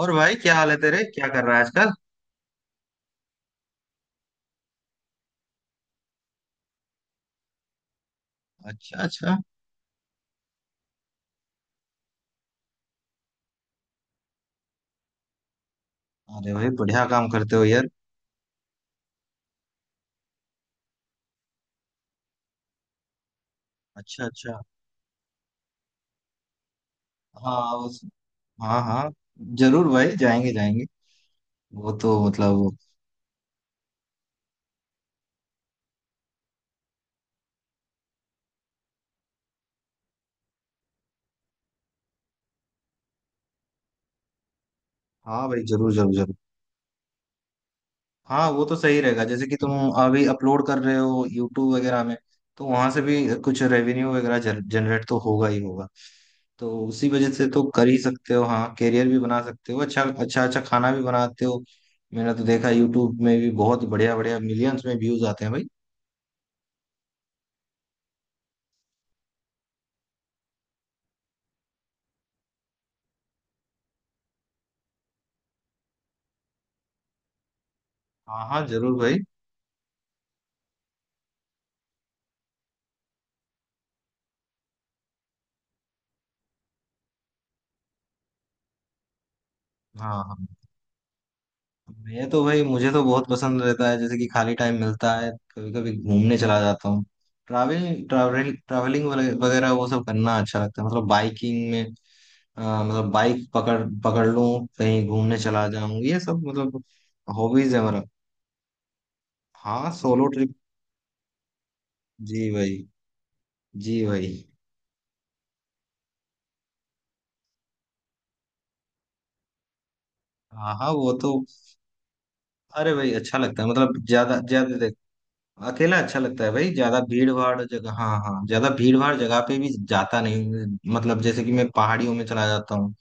और भाई, क्या हाल है तेरे? क्या कर रहा है आजकल? अच्छा, अच्छा। अरे भाई, बढ़िया काम करते हो यार। अच्छा, अच्छा। हाँ, उस, हाँ हाँ, जरूर भाई, जाएंगे जाएंगे। वो तो हाँ भाई, जरूर जरूर जरूर। हाँ, वो तो सही रहेगा। जैसे कि तुम अभी अपलोड कर रहे हो यूट्यूब वगैरह में, तो वहां से भी कुछ रेवेन्यू वगैरह जनरेट तो होगा ही होगा। तो उसी वजह से तो कर ही सकते हो। हाँ, करियर भी बना सकते हो। अच्छा अच्छा अच्छा, खाना भी बनाते हो। मैंने तो देखा यूट्यूब में भी, बहुत बढ़िया बढ़िया मिलियंस में व्यूज आते हैं भाई। हाँ हाँ जरूर भाई। हाँ हाँ, मैं तो भाई, मुझे तो बहुत पसंद रहता है। जैसे कि खाली टाइम मिलता है, कभी कभी घूमने चला जाता हूँ। ट्रैवलिंग ट्रैवलिंग ट्रैवलिंग वगैरह, वो सब करना अच्छा लगता है। बाइकिंग में, आ, मतलब बाइक पकड़ पकड़ लूं, कहीं घूमने चला जाऊं, ये सब हॉबीज है मेरा। हाँ, सोलो ट्रिप। जी भाई, जी भाई। हाँ हाँ, वो तो, अरे भाई अच्छा लगता है। ज्यादा ज्यादा अकेला अच्छा लगता है भाई। ज्यादा भीड़ भाड़ जगह, हाँ हाँ, ज्यादा भीड़ भाड़ जगह पे भी जाता नहीं हूँ। मतलब जैसे कि मैं पहाड़ियों में चला जाता हूँ,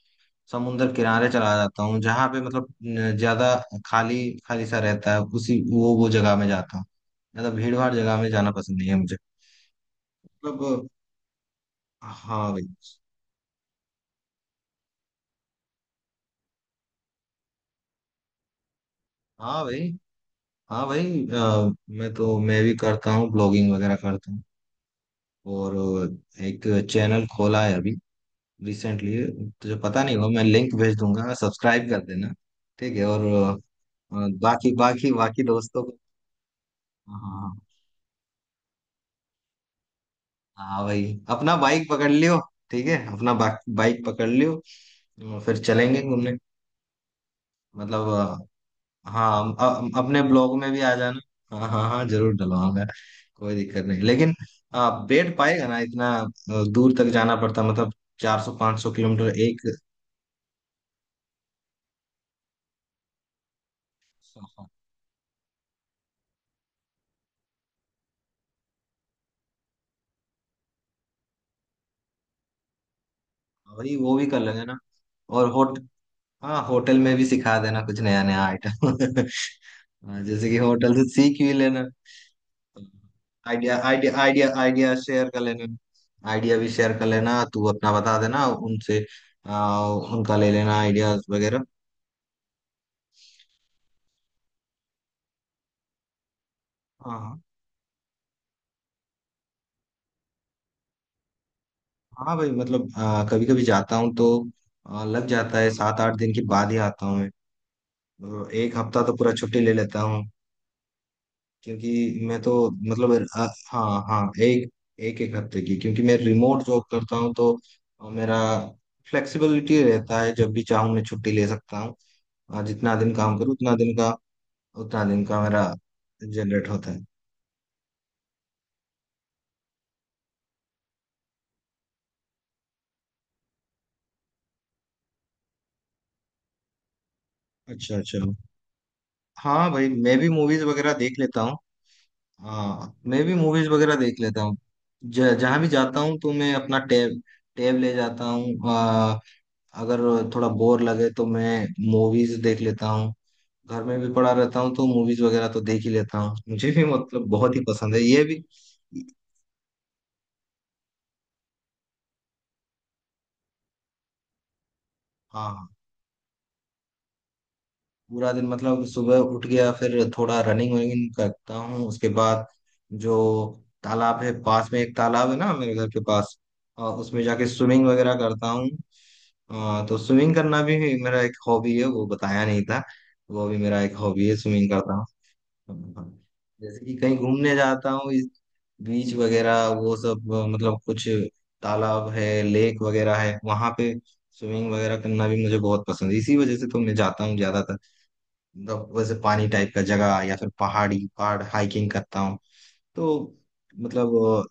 समुन्द्र किनारे चला जाता हूँ। जहाँ पे मतलब न, ज्यादा खाली खाली सा रहता है, उसी वो जगह में जाता हूँ। ज्यादा भीड़ भाड़ जगह में जाना पसंद नहीं है मुझे। मतलब हाँ भाई। हाँ भाई, हाँ भाई, मैं भी करता हूँ, ब्लॉगिंग वगैरह करता हूँ। और एक चैनल खोला है अभी, रिसेंटली। तुझे पता नहीं हो, मैं लिंक भेज दूंगा, सब्सक्राइब कर देना। ठीक है और बाकी बाकी बाकी दोस्तों को। हाँ। हाँ भाई, अपना बाइक पकड़ लियो। ठीक है, अपना बाइक पकड़ लियो, और फिर चलेंगे घूमने। मतलब हाँ अपने ब्लॉग में भी आ जाना। हाँ हाँ हाँ, जरूर डलवाऊंगा, कोई दिक्कत नहीं। लेकिन बैठ पाएगा ना इतना? दूर तक जाना पड़ता। मतलब 400-500 किलोमीटर एक। वही, वो भी कर लेंगे ना। और होट हाँ, होटल में भी सिखा देना कुछ नया नया आइटम। हाँ, जैसे कि होटल से सीख भी लेना। Idea idea idea idea share कर लेना। आइडिया भी शेयर कर लेना, तू अपना बता देना उनसे। उनका ले लेना आइडियाज वगैरह। हाँ हाँ भाई। मतलब कभी कभी जाता हूँ तो लग जाता है, 7-8 दिन के बाद ही आता हूँ मैं। तो एक हफ्ता तो पूरा छुट्टी ले लेता हूँ। क्योंकि मैं तो हाँ हाँ, एक एक एक हफ्ते की, क्योंकि मैं रिमोट जॉब करता हूँ। तो मेरा फ्लेक्सिबिलिटी रहता है, जब भी चाहूँ मैं छुट्टी ले सकता हूँ। जितना दिन काम करूँ, उतना दिन का मेरा जनरेट होता है। अच्छा अच्छा। हाँ भाई, मैं भी मूवीज वगैरह देख लेता हूँ। हाँ, मैं भी मूवीज वगैरह देख लेता हूँ। जहाँ भी जाता हूँ, तो मैं अपना टैब टैब ले जाता हूँ। अगर थोड़ा बोर लगे, तो मैं मूवीज देख लेता हूँ। घर में भी पड़ा रहता हूँ, तो मूवीज वगैरह तो देख ही लेता हूँ। मुझे भी मतलब बहुत ही पसंद है ये भी। हाँ, पूरा दिन मतलब सुबह उठ गया, फिर थोड़ा रनिंग वनिंग करता हूँ। उसके बाद जो तालाब है, पास में एक तालाब है ना मेरे घर के पास, उसमें जाके स्विमिंग वगैरह करता हूँ। तो स्विमिंग करना भी मेरा एक हॉबी है, वो बताया नहीं था। वो भी मेरा एक हॉबी है, स्विमिंग करता हूँ। जैसे कि कहीं घूमने जाता हूँ, बीच वगैरह वो सब, मतलब कुछ तालाब है, लेक वगैरह है वहां पे। स्विमिंग वगैरह करना भी मुझे बहुत पसंद है, इसी वजह से तो मैं जाता हूँ ज्यादातर। मतलब वैसे पानी टाइप का जगह, या फिर पहाड़ी पहाड़ हाइकिंग करता हूँ तो। मतलब अ,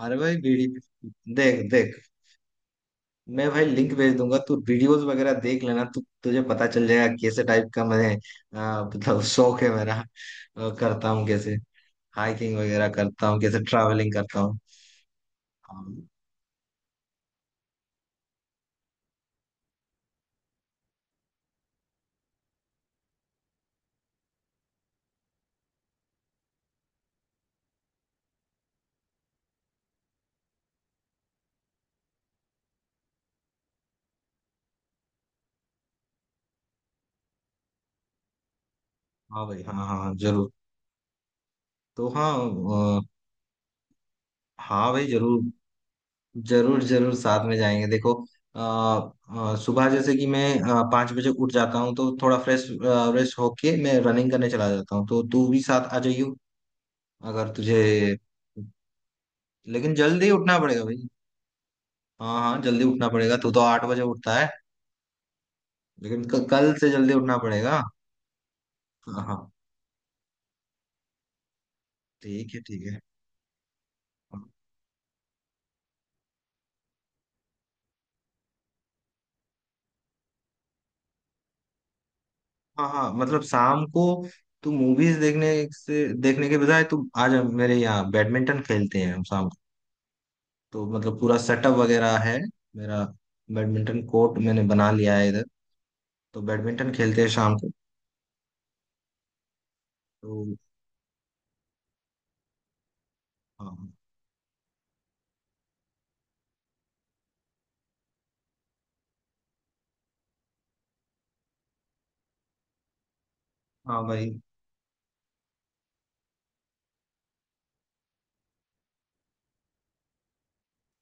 अरे भाई, बीड़ी, देख देख, मैं भाई लिंक भेज दूंगा, तू वीडियोस वगैरह देख लेना, तू तुझे पता चल जाएगा कैसे टाइप का मैं मतलब शौक है मेरा। करता हूँ, कैसे हाइकिंग वगैरह करता हूँ, कैसे ट्रैवलिंग करता हूँ। हाँ भाई, हाँ हाँ हाँ, जरूर। तो हाँ अ, हाँ भाई, जरूर जरूर जरूर, साथ में जाएंगे। देखो अ, सुबह जैसे कि मैं 5 बजे उठ जाता हूँ। तो थोड़ा फ्रेश फ्रेश होके मैं रनिंग करने चला जाता हूँ, तो तू भी साथ आ जाइयो, अगर तुझे। लेकिन जल्दी उठना पड़ेगा भाई। हाँ हाँ, जल्दी उठना पड़ेगा। तू तो 8 बजे उठता है, लेकिन कल से जल्दी उठना पड़ेगा। हाँ हाँ, ठीक है ठीक है। हाँ हाँ मतलब शाम को, तू मूवीज देखने के बजाय तू आज मेरे यहाँ, बैडमिंटन खेलते हैं हम शाम को। तो मतलब पूरा सेटअप वगैरह है मेरा, बैडमिंटन कोर्ट मैंने बना लिया है इधर। तो बैडमिंटन खेलते हैं शाम को। तो हाँ हाँ भाई।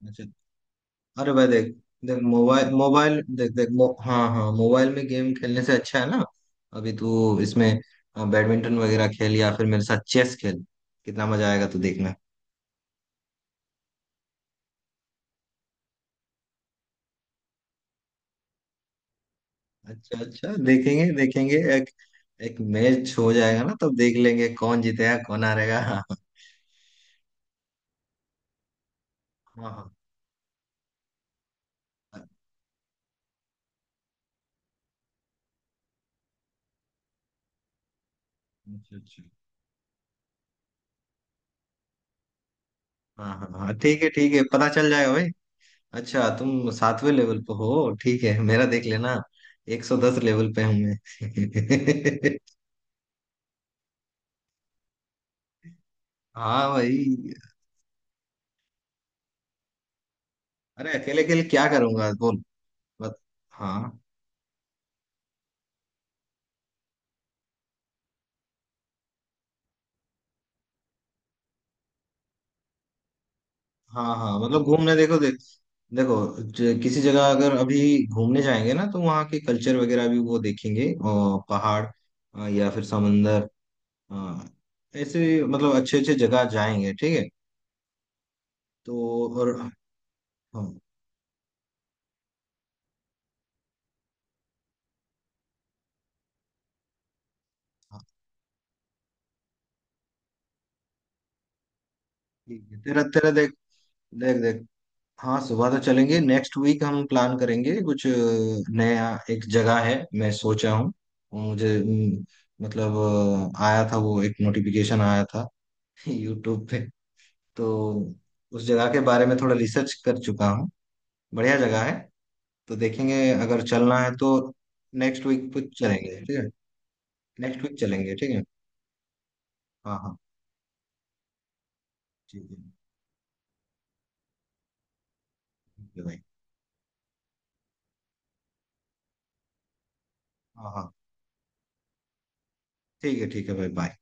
अच्छा, अरे भाई देख देख, मोबाइल मोबाइल देख देख मो, हाँ हाँ, मोबाइल में गेम खेलने से अच्छा है ना, अभी तू इसमें बैडमिंटन वगैरह खेल, या फिर मेरे साथ चेस खेल। कितना मजा आएगा तू देखना। अच्छा अच्छा, देखेंगे देखेंगे। एक एक मैच हो जाएगा ना, तब देख लेंगे कौन जीतेगा कौन हारेगा। हाँ हाँ, अच्छा अच्छा। हाँ हाँ हाँ, ठीक है ठीक है, पता चल जाएगा भाई। अच्छा, तुम सातवें लेवल पे हो, ठीक है, मेरा देख लेना। 110 लेवल पे हूँ मैं। हाँ भाई, अरे अकेले अकेले क्या करूंगा बोल। बस। हाँ हाँ हाँ, मतलब घूमने, देखो, किसी जगह अगर अभी घूमने जाएंगे ना, तो वहाँ के कल्चर वगैरह भी वो देखेंगे, और पहाड़ या फिर समंदर, अ, ऐसे मतलब अच्छे अच्छे जगह जाएंगे, ठीक है। तो और हाँ, हाँ, ठीक है। तेरा तेरा देख, देख देख। हाँ, सुबह तो चलेंगे। नेक्स्ट वीक हम प्लान करेंगे कुछ नया, एक जगह है मैं सोचा हूँ। मुझे मतलब आया था, वो एक नोटिफिकेशन आया था यूट्यूब पे। तो उस जगह के बारे में थोड़ा रिसर्च कर चुका हूँ, बढ़िया जगह है। तो देखेंगे, अगर चलना है तो नेक्स्ट वीक पे चलेंगे ठीक है। नेक्स्ट वीक चलेंगे ठीक है हाँ हाँ, ठीक है, ठीक है भाई। हाँ हाँ, ठीक है, ठीक है भाई, बाय।